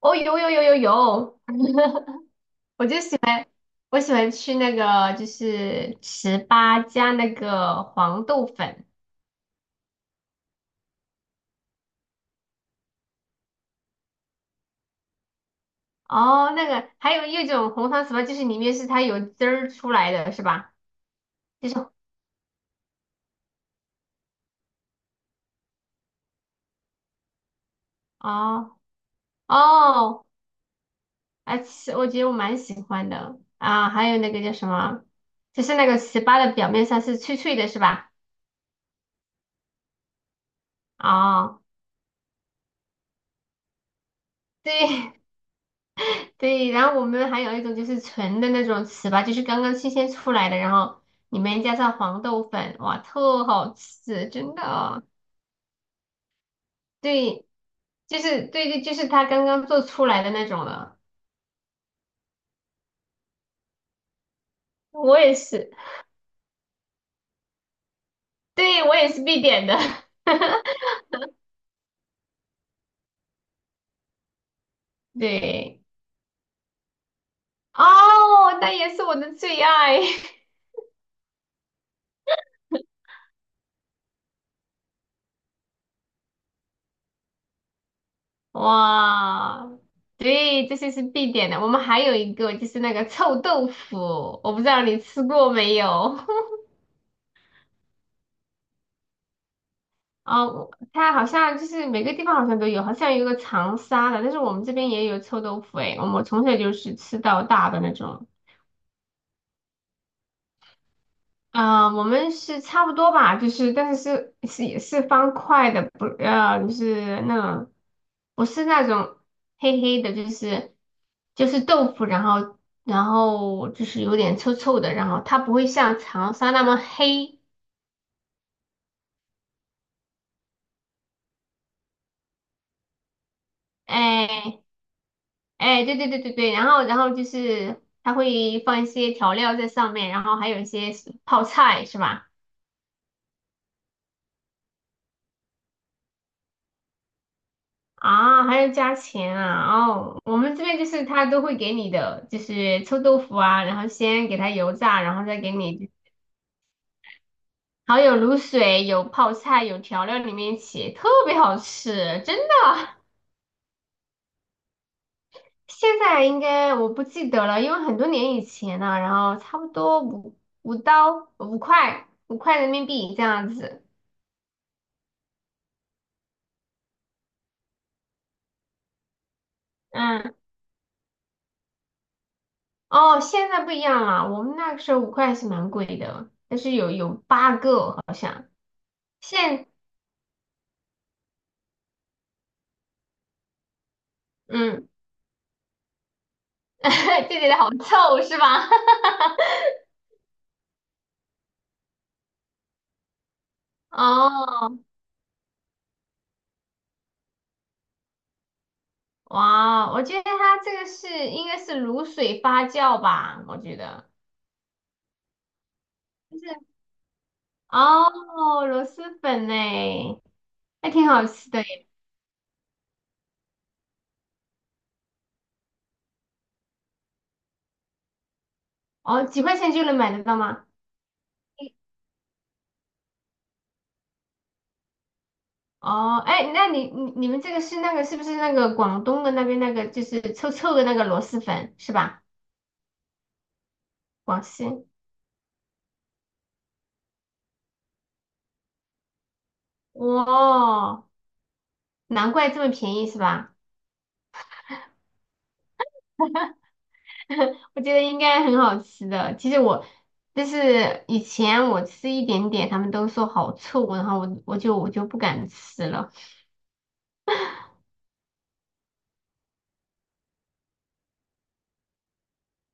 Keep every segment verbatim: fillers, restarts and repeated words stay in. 哦，有有有有有，我就喜欢，我喜欢吃那个就是糍粑加那个黄豆粉。哦，那个还有一种红糖糍粑，就是里面是它有汁儿出来的，是吧？就是哦哦，啊，其我觉得我蛮喜欢的啊。还有那个叫什么，就是那个糍粑的表面上是脆脆的，是吧？哦，对，对，然后我们还有一种就是纯的那种糍粑，就是刚刚新鲜出来的，然后里面加上黄豆粉，哇，特好吃，真的啊。对，就是对对，就是它刚刚做出来的那种了。我也是，对，我也是必点的。对，哦，那也是我的最爱。哇，对，这些是必点的。我们还有一个就是那个臭豆腐，我不知道你吃过没有。哦，我它好像就是每个地方好像都有，好像有个长沙的，但是我们这边也有臭豆腐诶，我们从小就是吃到大的那种。啊、我们是差不多吧，就是但是是是也是方块的，不呃就是那种不是那种黑黑的，就是就是豆腐，然后然后就是有点臭臭的，然后它不会像长沙那么黑，哎、哎，对对对对对，然后然后就是它会放一些调料在上面，然后还有一些是泡菜是吧？啊，还要加钱啊！哦，我们这边就是他都会给你的，就是臭豆腐啊，然后先给它油炸，然后再给你，还有卤水、有泡菜、有调料里面一起，特别好吃，真的。现在应该我不记得了，因为很多年以前了，然后差不多五五刀五块五块人民币这样子。嗯。哦，现在不一样了，我们那个时候五块是蛮贵的，但是有有八个好像。现嗯，这里的好臭是吧？哦，哇，我觉得它这个是应该是卤水发酵吧，我觉得就是哦，螺蛳粉呢，还挺好吃的耶。哦，几块钱就能买得到吗？哦，哎，那你你你们这个是那个是不是那个广东的那边那个就是臭臭的那个螺蛳粉是吧？广西。哇，难怪这么便宜是吧？我觉得应该很好吃的。其实我就是以前我吃一点点，他们都说好臭，然后我我就我就不敢吃了。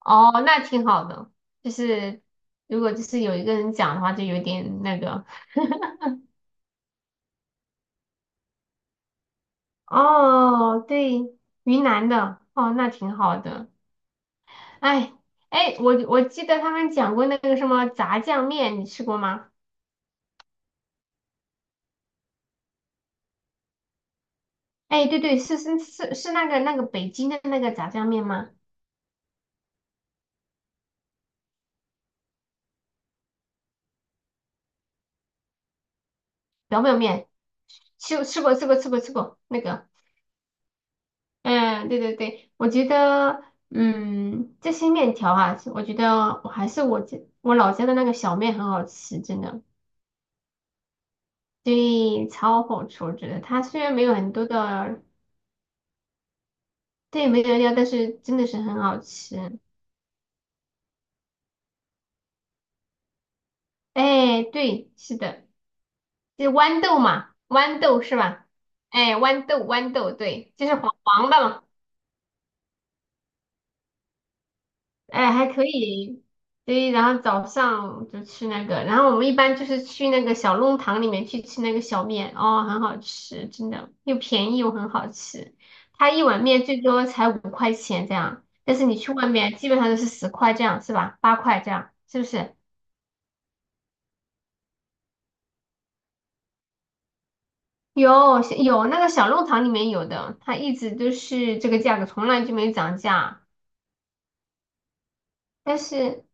哦，那挺好的，就是如果就是有一个人讲的话，就有点那个。哦，对，云南的，哦，那挺好的。哎哎，我我记得他们讲过那个什么炸酱面，你吃过吗？哎，对对，是是是是那个那个北京的那个炸酱面吗？表表面，吃吃过吃过吃过吃过那个，嗯，对对对，我觉得，嗯，这些面条啊，我觉得我还是我家我老家的那个小面很好吃，真的，对，超好吃，我觉得它虽然没有很多的，对，没有料，但是真的是很好吃。哎，对，是的，就是豌豆嘛，豌豆是吧？哎，豌豆豌豆，对，就是黄黄的嘛。哎，还可以，对，然后早上就吃那个，然后我们一般就是去那个小弄堂里面去吃那个小面，哦，很好吃，真的，又便宜又很好吃。它一碗面最多才五块钱这样，但是你去外面基本上都是十块这样，是吧？八块这样，是不是？有有那个小弄堂里面有的，它一直都是这个价格，从来就没涨价。但是，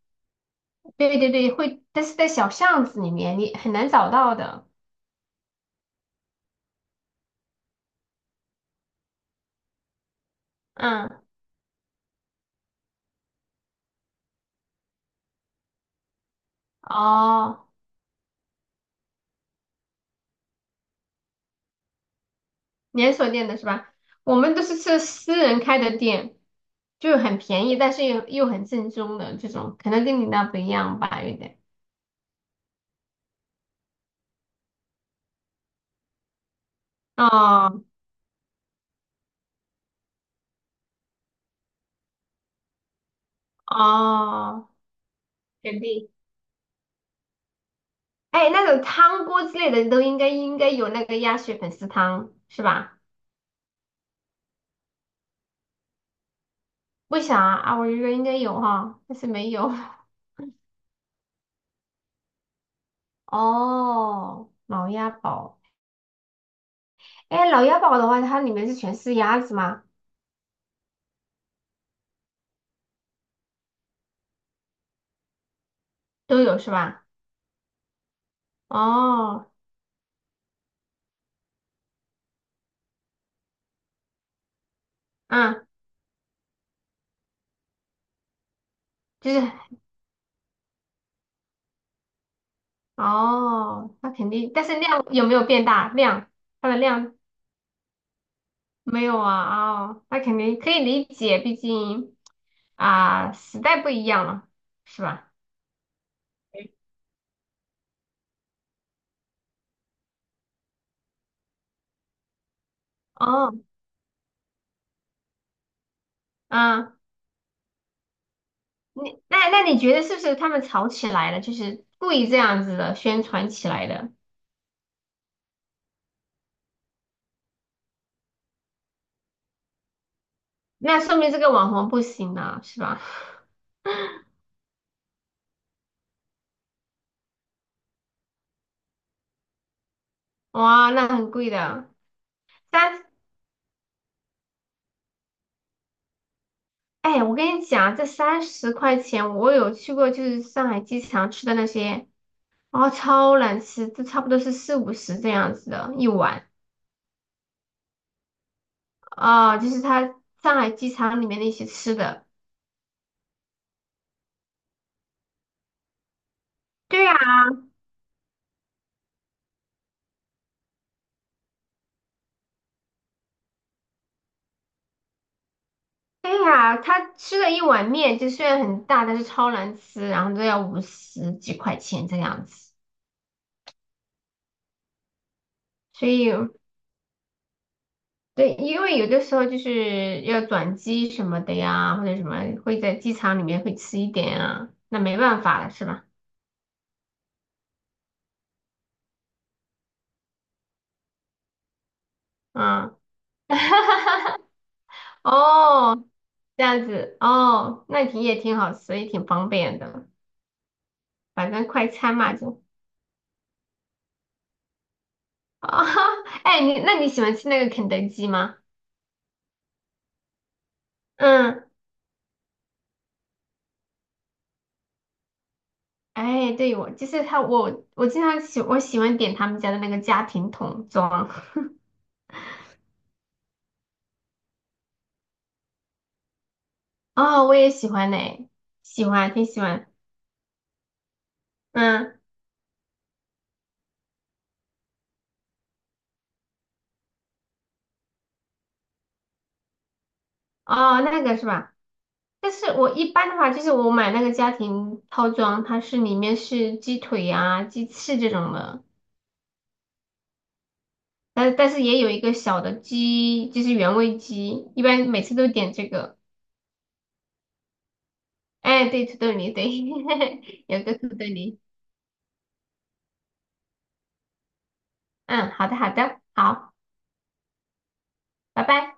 对对对，会，但是在小巷子里面你很难找到的。嗯，哦。连锁店的是吧？我们都是吃私人开的店，就很便宜，但是又又很正宗的这种，可能跟你那不一样吧，有点。哦哦，肯定。哎，那种汤锅之类的都应该应该有那个鸭血粉丝汤是吧？为啥啊？啊我觉得应该有哈，但是没有。哦，老鸭煲。哎，老鸭煲的话，它里面是全是鸭子吗？都有是吧？哦，嗯。就是哦，那肯定，但是量有没有变大？量，它的量没有啊，哦，那肯定可以理解，毕竟啊，时代不一样了，是吧？对哦，啊，你那那你觉得是不是他们吵起来了，就是故意这样子的宣传起来的？那说明这个网红不行了，是吧？哇，那很贵的，三，哎，我跟你讲，这三十块钱，我有去过，就是上海机场吃的那些。哦，超难吃，这差不多是四五十这样子的一碗哦，就是他上海机场里面那些吃的。对呀，对呀，他吃了一碗面，就虽然很大，但是超难吃，然后都要五十几块钱这样子。所以，对，因为有的时候就是要转机什么的呀，或者什么会在机场里面会吃一点啊，那没办法了，是吧？嗯，哦，这样子，哦，那挺也挺好吃，也挺方便的。反正快餐嘛就啊，哎，你那你喜欢吃那个肯德基吗？嗯，哎，对，我就是他，我我经常喜我喜欢点他们家的那个家庭桶装，哦，我也喜欢呢、喜欢，挺喜欢，嗯，哦，那个是吧？但是我一般的话，就是我买那个家庭套装，它是里面是鸡腿呀、鸡翅这种的，但但是也有一个小的鸡，就是原味鸡，一般每次都点这个。哎，对，土豆泥，对，有个土豆泥。嗯，好的，好的，好，拜拜。